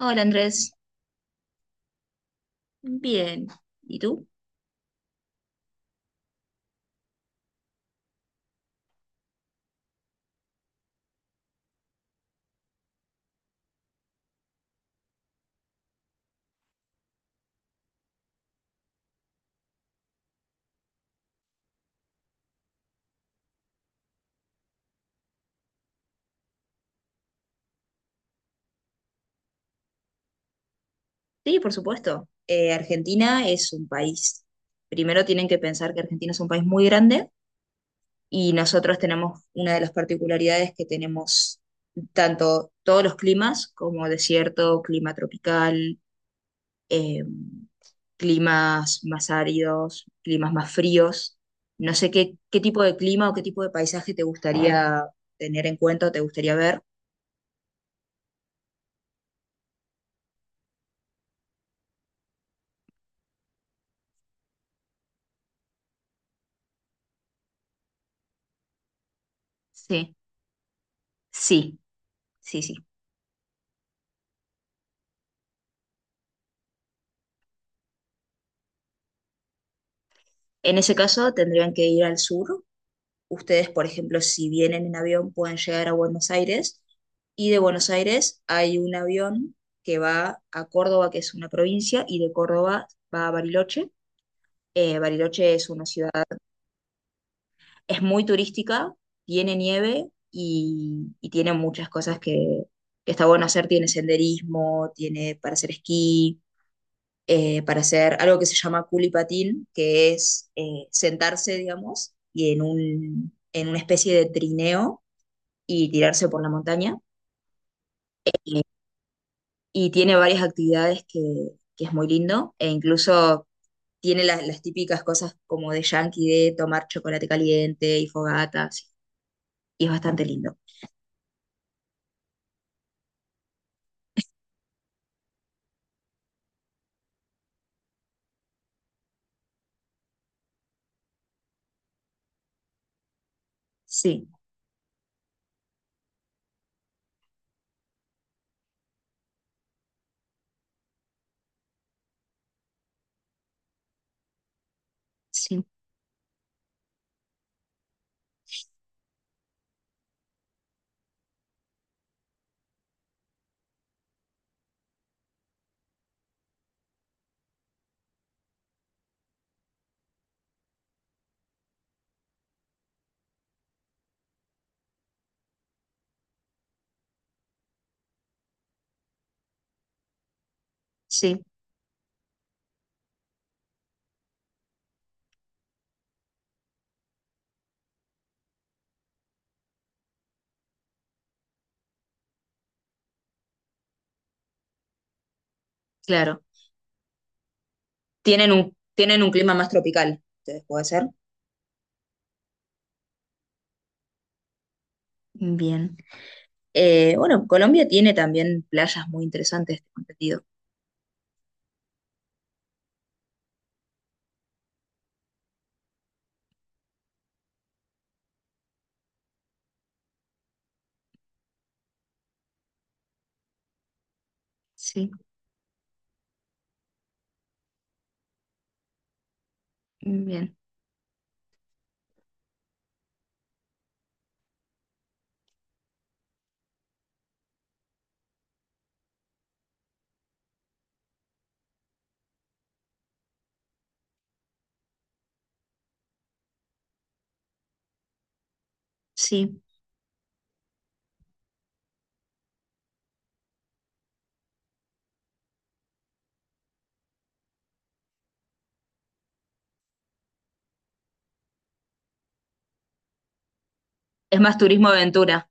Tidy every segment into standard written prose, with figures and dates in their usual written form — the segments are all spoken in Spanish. Hola Andrés, bien. ¿Y tú? Sí, por supuesto. Argentina es un país. Primero tienen que pensar que Argentina es un país muy grande y nosotros tenemos una de las particularidades que tenemos tanto todos los climas como desierto, clima tropical, eh, climas más áridos, climas más fríos. No sé qué tipo de clima o qué tipo de paisaje te gustaría tener en cuenta o te gustaría ver. Sí, sí, sí, sí. En ese caso, tendrían que ir al sur. Ustedes, por ejemplo, si vienen en avión, pueden llegar a Buenos Aires. Y de Buenos Aires hay un avión que va a Córdoba, que es una provincia, y de Córdoba va a Bariloche. Bariloche es una ciudad, es muy turística, tiene nieve y tiene muchas cosas que está bueno hacer. Tiene senderismo, tiene para hacer esquí, para hacer algo que se llama culipatín, que es sentarse, digamos, y en una especie de trineo y tirarse por la montaña. Eh, y tiene varias actividades que es muy lindo, e incluso tiene las típicas cosas como de yankee, de tomar chocolate caliente y fogatas, y es bastante lindo. Sí, sí, sí, claro. Tienen un clima más tropical, ustedes puede ser. Bien. Bueno, Colombia tiene también playas muy interesantes, este sentido. Sí, bien, sí. Es más turismo aventura.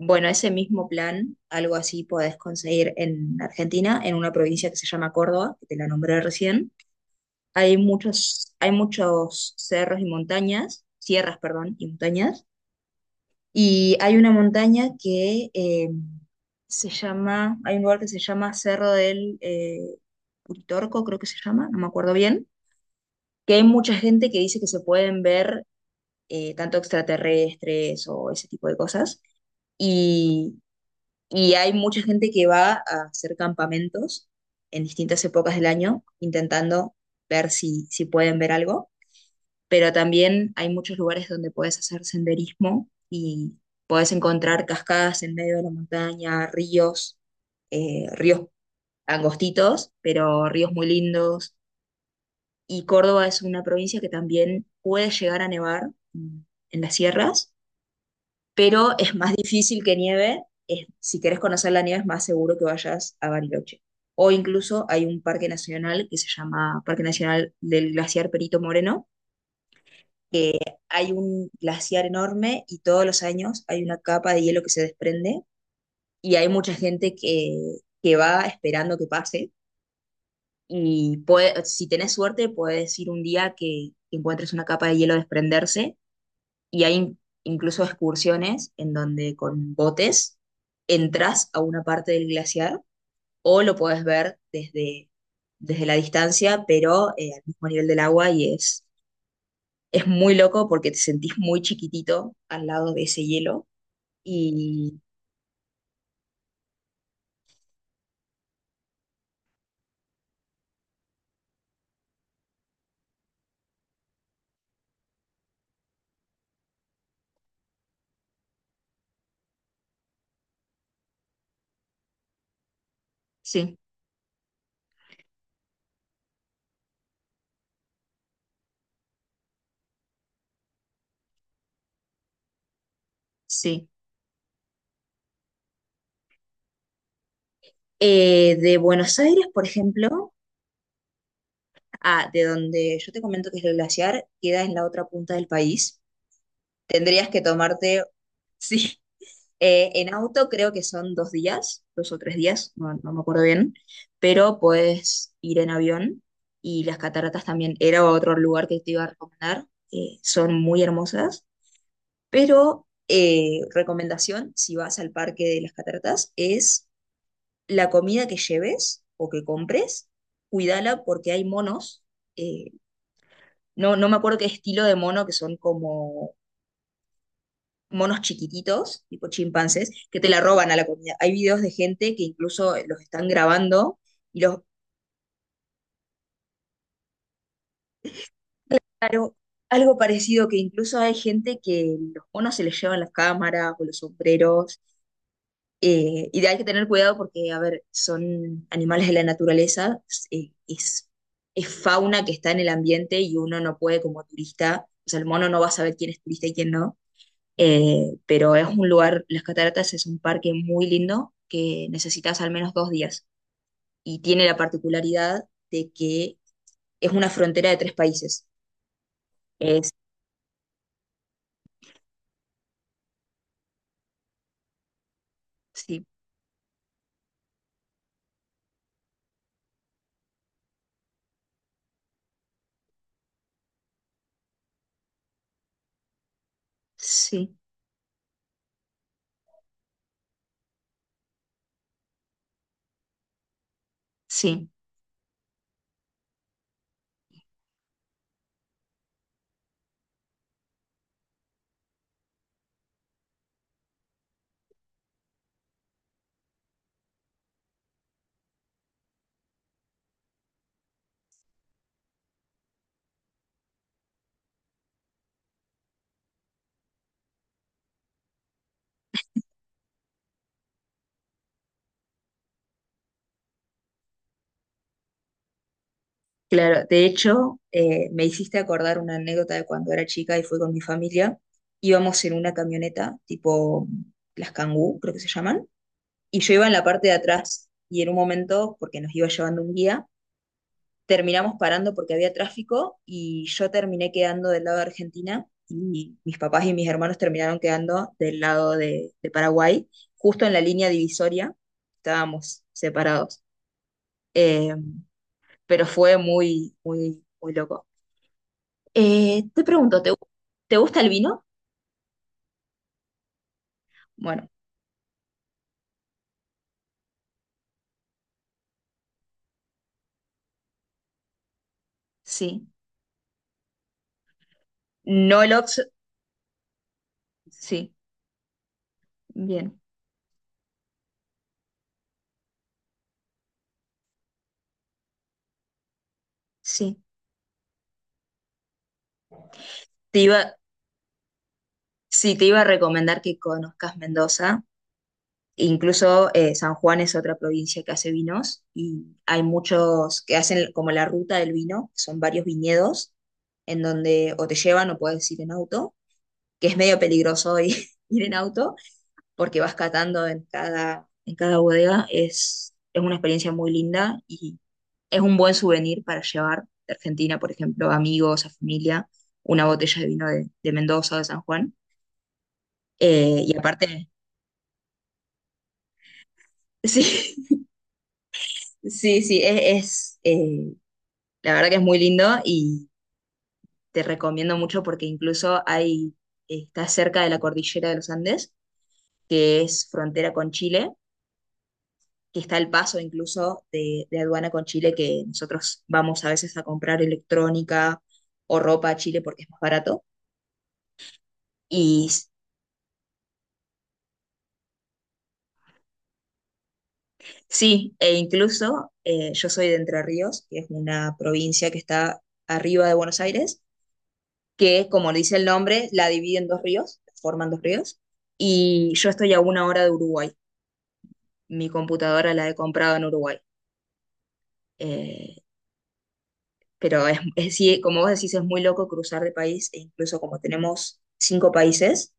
Bueno, ese mismo plan, algo así podés conseguir en Argentina, en una provincia que se llama Córdoba, que te la nombré recién. Hay muchos cerros y montañas, sierras, perdón, y montañas. Y hay una montaña que se llama, hay un lugar que se llama Cerro del Uritorco, creo que se llama, no me acuerdo bien que hay mucha gente que dice que se pueden ver tanto extraterrestres o ese tipo de cosas. Y, y hay mucha gente que va a hacer campamentos en distintas épocas del año intentando ver si pueden ver algo. Pero también hay muchos lugares donde puedes hacer senderismo y puedes encontrar cascadas en medio de la montaña, ríos, ríos angostitos, pero ríos muy lindos, y Córdoba es una provincia que también puede llegar a nevar en las sierras, pero es más difícil que nieve. Si querés conocer la nieve es más seguro que vayas a Bariloche. O incluso hay un parque nacional que se llama Parque Nacional del Glaciar Perito Moreno, que hay un glaciar enorme y todos los años hay una capa de hielo que se desprende y hay mucha gente que va esperando que pase. Y si tenés suerte, puedes ir un día que encuentres una capa de hielo desprenderse y hay incluso excursiones en donde con botes entras a una parte del glaciar o lo puedes ver desde la distancia, pero al mismo nivel del agua y es muy loco porque te sentís muy chiquitito al lado de ese hielo. Y sí, sí. De Buenos Aires, por ejemplo. Ah, de donde yo te comento que es el glaciar, queda en la otra punta del país. Tendrías que tomarte, sí, en auto creo que son dos días, dos o tres días, no, no me acuerdo bien, pero puedes ir en avión y las cataratas también era otro lugar que te iba a recomendar. Son muy hermosas, pero recomendación si vas al parque de las cataratas es la comida que lleves o que compres, cuídala porque hay monos eh, no, no me acuerdo qué estilo de mono, que son como monos chiquititos, tipo chimpancés, que te la roban a la comida. Hay videos de gente que incluso los están grabando y Algo, algo parecido, que incluso hay gente que los monos se les llevan las cámaras o los sombreros. Y hay que tener cuidado porque, a ver, son animales de la naturaleza, eh, es, es fauna que está en el ambiente y uno no puede como turista, o sea, el mono no va a saber quién es turista y quién no. Pero es un lugar, las cataratas es un parque muy lindo que necesitas al menos dos días y tiene la particularidad de que es una frontera de tres países. Es, sí, sí, sí, claro. De hecho, me hiciste acordar una anécdota de cuando era chica y fui con mi familia. Íbamos en una camioneta tipo las Kangoo, creo que se llaman, y yo iba en la parte de atrás y en un momento, porque nos iba llevando un guía, terminamos parando porque había tráfico y yo terminé quedando del lado de Argentina y mis papás y mis hermanos terminaron quedando del lado de Paraguay, justo en la línea divisoria, estábamos separados. Eh, pero fue muy, muy, muy loco. Te pregunto, ¿ te gusta el vino? Bueno, sí. No el Ox, sí, bien, sí. Te iba, sí, te iba a recomendar que conozcas Mendoza. Incluso San Juan es otra provincia que hace vinos y hay muchos que hacen como la ruta del vino, son varios viñedos en donde o te llevan o puedes ir en auto, que es medio peligroso hoy ir en auto porque vas catando en en cada bodega. Es una experiencia muy linda y es un buen souvenir para llevar de Argentina, por ejemplo, a amigos, a familia, una botella de vino de Mendoza o de San Juan. Y aparte, sí, sí, sí, la verdad que es muy lindo y te recomiendo mucho porque incluso hay, está cerca de la cordillera de los Andes, que es frontera con Chile, que está el paso incluso de aduana con Chile, que nosotros vamos a veces a comprar electrónica o ropa a Chile porque es más barato. Y sí, e incluso yo soy de Entre Ríos, que es una provincia que está arriba de Buenos Aires, que como le dice el nombre, la divide en dos ríos, forman dos ríos, y yo estoy a una hora de Uruguay. Mi computadora la he comprado en Uruguay. Eh, pero sí, como vos decís, es muy loco cruzar de país, e incluso como tenemos cinco países,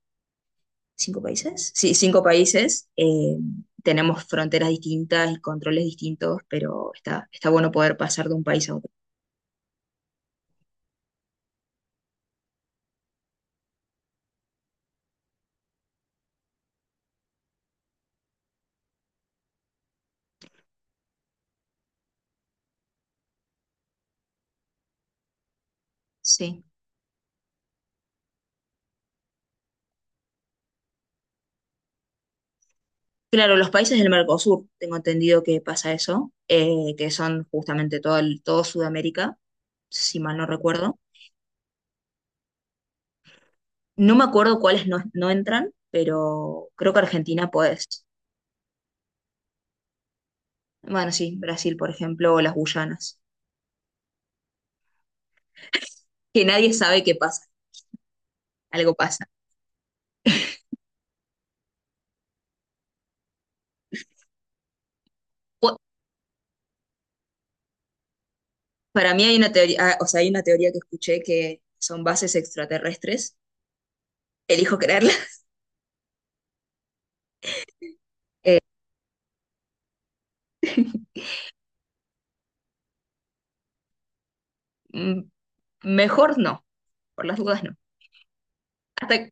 ¿cinco países? Sí, cinco países, tenemos fronteras distintas y controles distintos, pero está, está bueno poder pasar de un país a otro. Sí. Claro, los países del Mercosur, tengo entendido que pasa eso, que son justamente todo, todo Sudamérica, si mal no recuerdo. No me acuerdo cuáles no entran, pero creo que Argentina podés. Bueno, sí, Brasil, por ejemplo, o las Guyanas, que nadie sabe qué pasa, algo pasa. Po- Para mí hay una teoría, ah, o sea, hay una teoría que escuché que son bases extraterrestres, elijo creerla. Eh, mm, mejor no, por las dudas no. Hasta,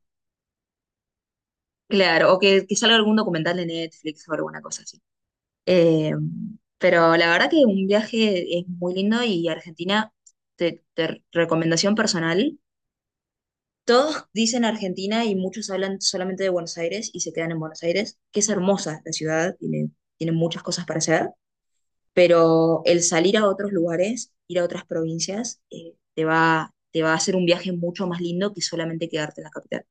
claro, o que salga algún documental de Netflix o alguna cosa así. Eh, pero la verdad que un viaje es muy lindo y Argentina, recomendación personal, todos dicen Argentina y muchos hablan solamente de Buenos Aires y se quedan en Buenos Aires, que es hermosa la ciudad, tiene, tiene muchas cosas para hacer, pero el salir a otros lugares, ir a otras provincias, te va a hacer un viaje mucho más lindo que solamente quedarte en la capital.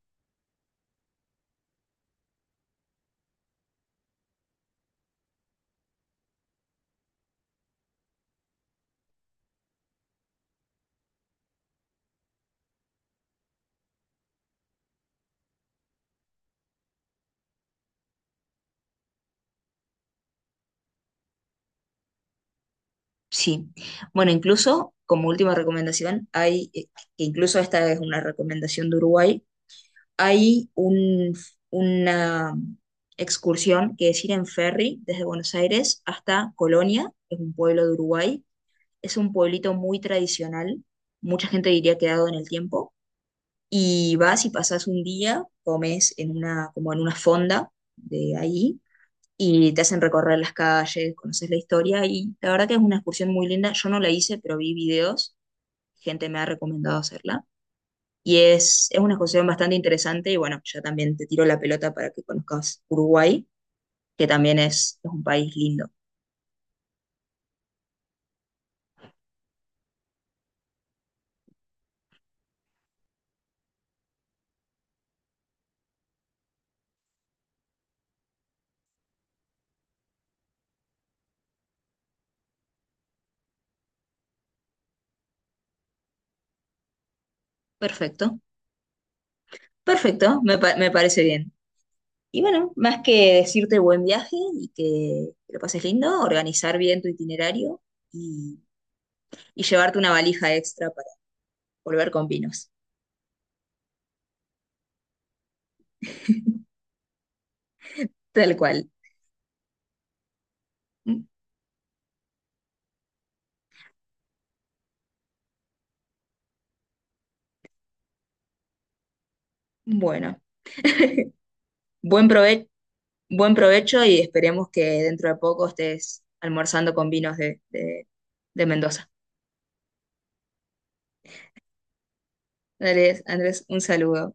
Sí. Bueno, incluso como última recomendación, que incluso esta es una recomendación de Uruguay, hay una excursión que es ir en ferry desde Buenos Aires hasta Colonia, que es un pueblo de Uruguay. Es un pueblito muy tradicional, mucha gente diría quedado en el tiempo. Y vas y pasas un día, comes en una, como en una fonda de ahí y te hacen recorrer las calles, conoces la historia y la verdad que es una excursión muy linda. Yo no la hice, pero vi videos, gente me ha recomendado hacerla y es una exposición bastante interesante y bueno, ya también te tiro la pelota para que conozcas Uruguay, que también es un país lindo. Perfecto, perfecto, me parece bien. Y bueno, más que decirte buen viaje y que lo pases lindo, organizar bien tu itinerario y, y llevarte una valija extra para volver con vinos, tal cual. Mm, Bueno, buen prove- buen provecho y esperemos que dentro de poco estés almorzando con vinos de de Mendoza. Dale, Andrés, un saludo.